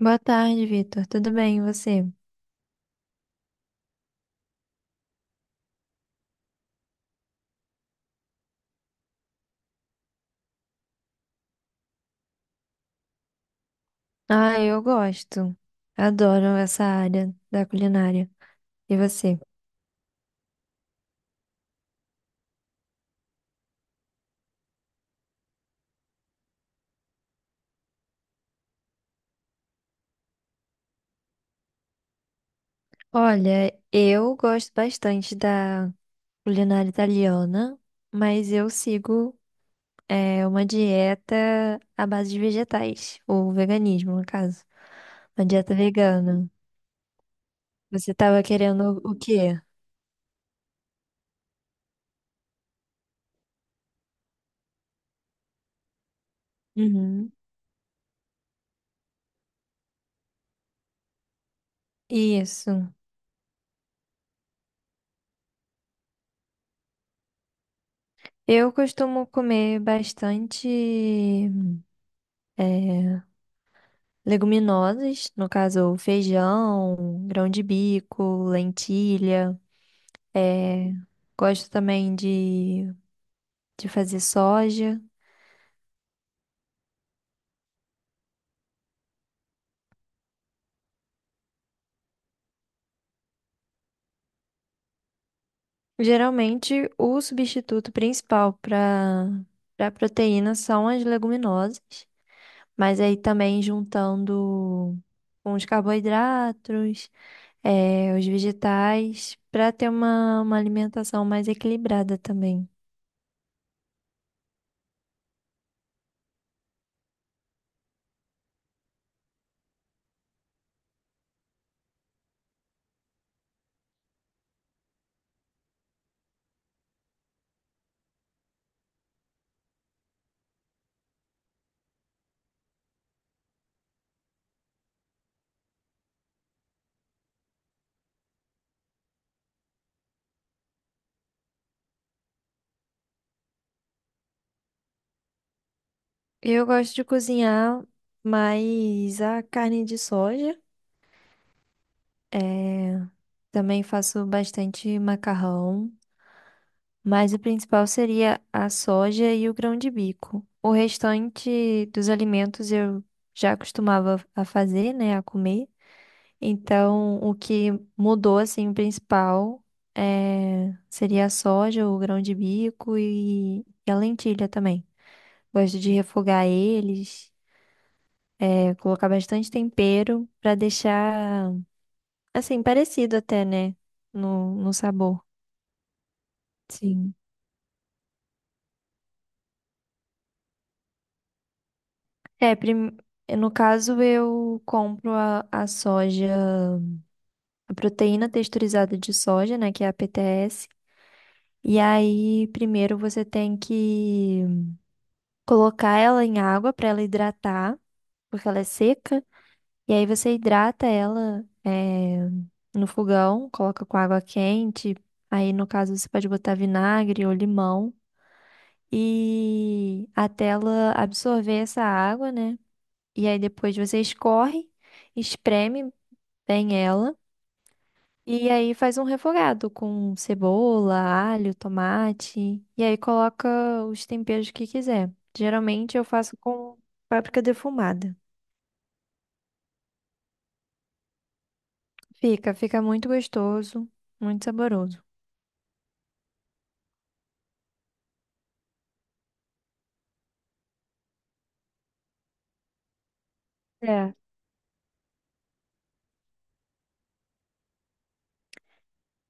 Boa tarde, Vitor. Tudo bem, e você? Ah, eu gosto. Adoro essa área da culinária. E você? Olha, eu gosto bastante da culinária italiana, mas eu sigo uma dieta à base de vegetais, ou veganismo, no caso. Uma dieta vegana. Você estava querendo o quê? Uhum. Isso. Eu costumo comer bastante. é, Leguminosas, no caso, feijão, grão de bico, lentilha. É, gosto também de fazer soja. Geralmente, o substituto principal para proteína são as leguminosas, mas aí também juntando com os carboidratos, é, os vegetais, para ter uma alimentação mais equilibrada também. Eu gosto de cozinhar mais a carne de soja. É, também faço bastante macarrão, mas o principal seria a soja e o grão de bico. O restante dos alimentos eu já costumava a fazer, né, a comer. Então, o que mudou assim o principal é, seria a soja, o grão de bico e a lentilha também. Gosto de refogar eles. É, colocar bastante tempero pra deixar, assim, parecido até, né? No sabor. Sim. É, prim- no caso, eu compro a soja, a proteína texturizada de soja, né? Que é a PTS. E aí, primeiro você tem que colocar ela em água para ela hidratar, porque ela é seca. E aí você hidrata ela, é, no fogão, coloca com água quente. Aí, no caso, você pode botar vinagre ou limão. E até ela absorver essa água, né? E aí depois você escorre, espreme bem ela e aí faz um refogado com cebola, alho, tomate e aí coloca os temperos que quiser. Geralmente eu faço com páprica defumada. Fica muito gostoso, muito saboroso. É.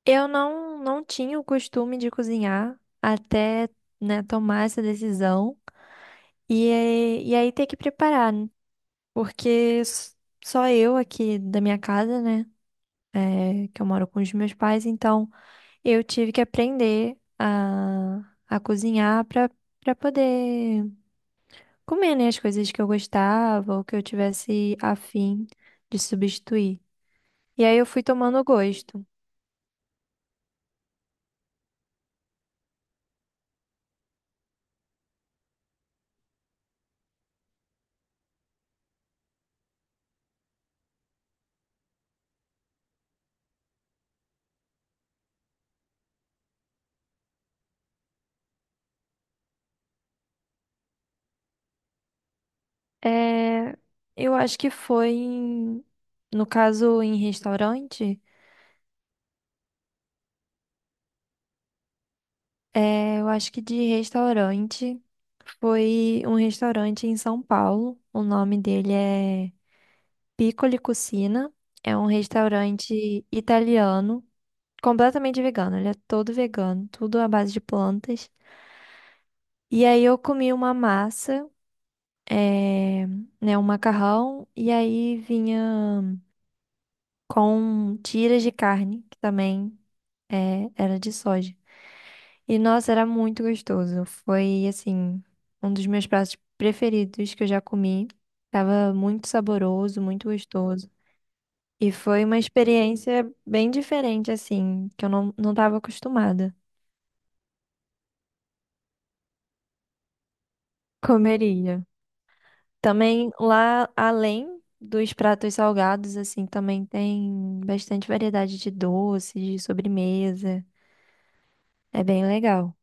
Eu não tinha o costume de cozinhar até, né, tomar essa decisão. E aí ter que preparar. Porque s- só eu aqui da minha casa, né? É, que eu moro com os meus pais, então eu tive que aprender a cozinhar para poder comer, né, as coisas que eu gostava ou que eu tivesse afim de substituir. E aí eu fui tomando gosto. É, eu acho que no caso em restaurante. É, eu acho que de restaurante foi um restaurante em São Paulo. O nome dele é Piccoli Cucina. É um restaurante italiano, completamente vegano. Ele é todo vegano, tudo à base de plantas. E aí eu comi uma massa, é, né, um macarrão, e aí vinha com tiras de carne, que também é, era de soja. E nossa, era muito gostoso. Foi assim, um dos meus pratos preferidos que eu já comi. Tava muito saboroso, muito gostoso. E foi uma experiência bem diferente, assim, que eu não estava acostumada. Comeria. Também lá, além dos pratos salgados, assim, também tem bastante variedade de doces, de sobremesa. É bem legal.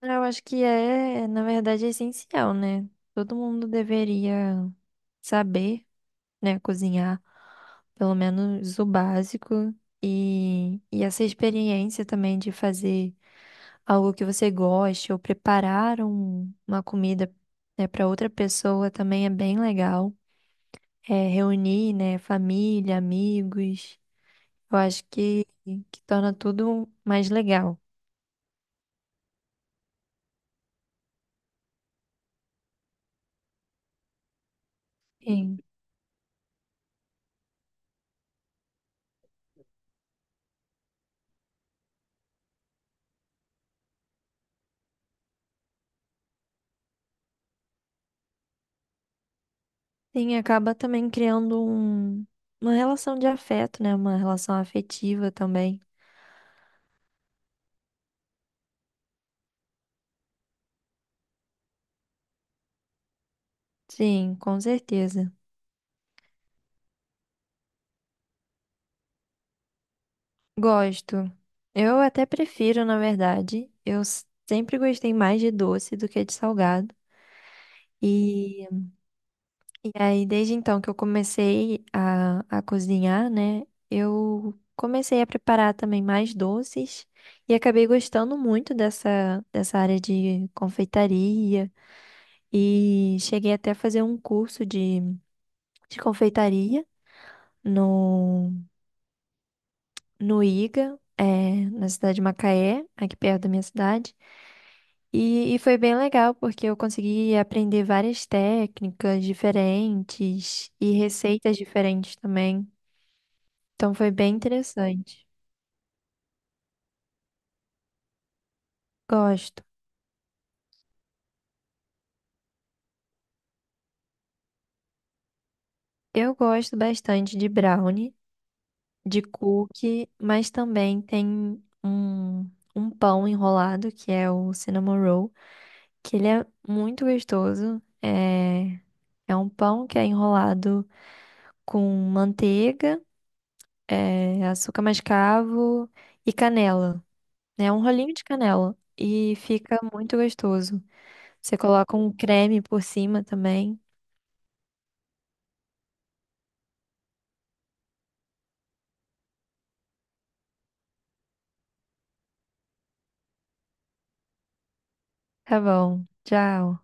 Ah, eu acho que é, na verdade, é essencial, né? Todo mundo deveria saber, né, cozinhar, pelo menos o básico. E essa experiência também de fazer algo que você goste ou preparar uma comida, né, para outra pessoa também é bem legal. É, reunir, né, família, amigos. Eu acho que torna tudo mais legal. Sim. Sim, acaba também criando uma relação de afeto, né? Uma relação afetiva também. Sim, com certeza. Gosto. Eu até prefiro, na verdade. Eu sempre gostei mais de doce do que de salgado. E, e aí, desde então que eu comecei a cozinhar, né? Eu comecei a preparar também mais doces e acabei gostando muito dessa área de confeitaria. E cheguei até a fazer um curso de confeitaria no, no IGA, é, na cidade de Macaé, aqui perto da minha cidade. E foi bem legal, porque eu consegui aprender várias técnicas diferentes e receitas diferentes também. Então foi bem interessante. Gosto. Eu gosto bastante de brownie, de cookie, mas também tem um pão enrolado, que é o cinnamon roll, que ele é muito gostoso. É um pão que é enrolado com manteiga, açúcar mascavo e canela. É um rolinho de canela e fica muito gostoso. Você coloca um creme por cima também. Tá bom. Tchau.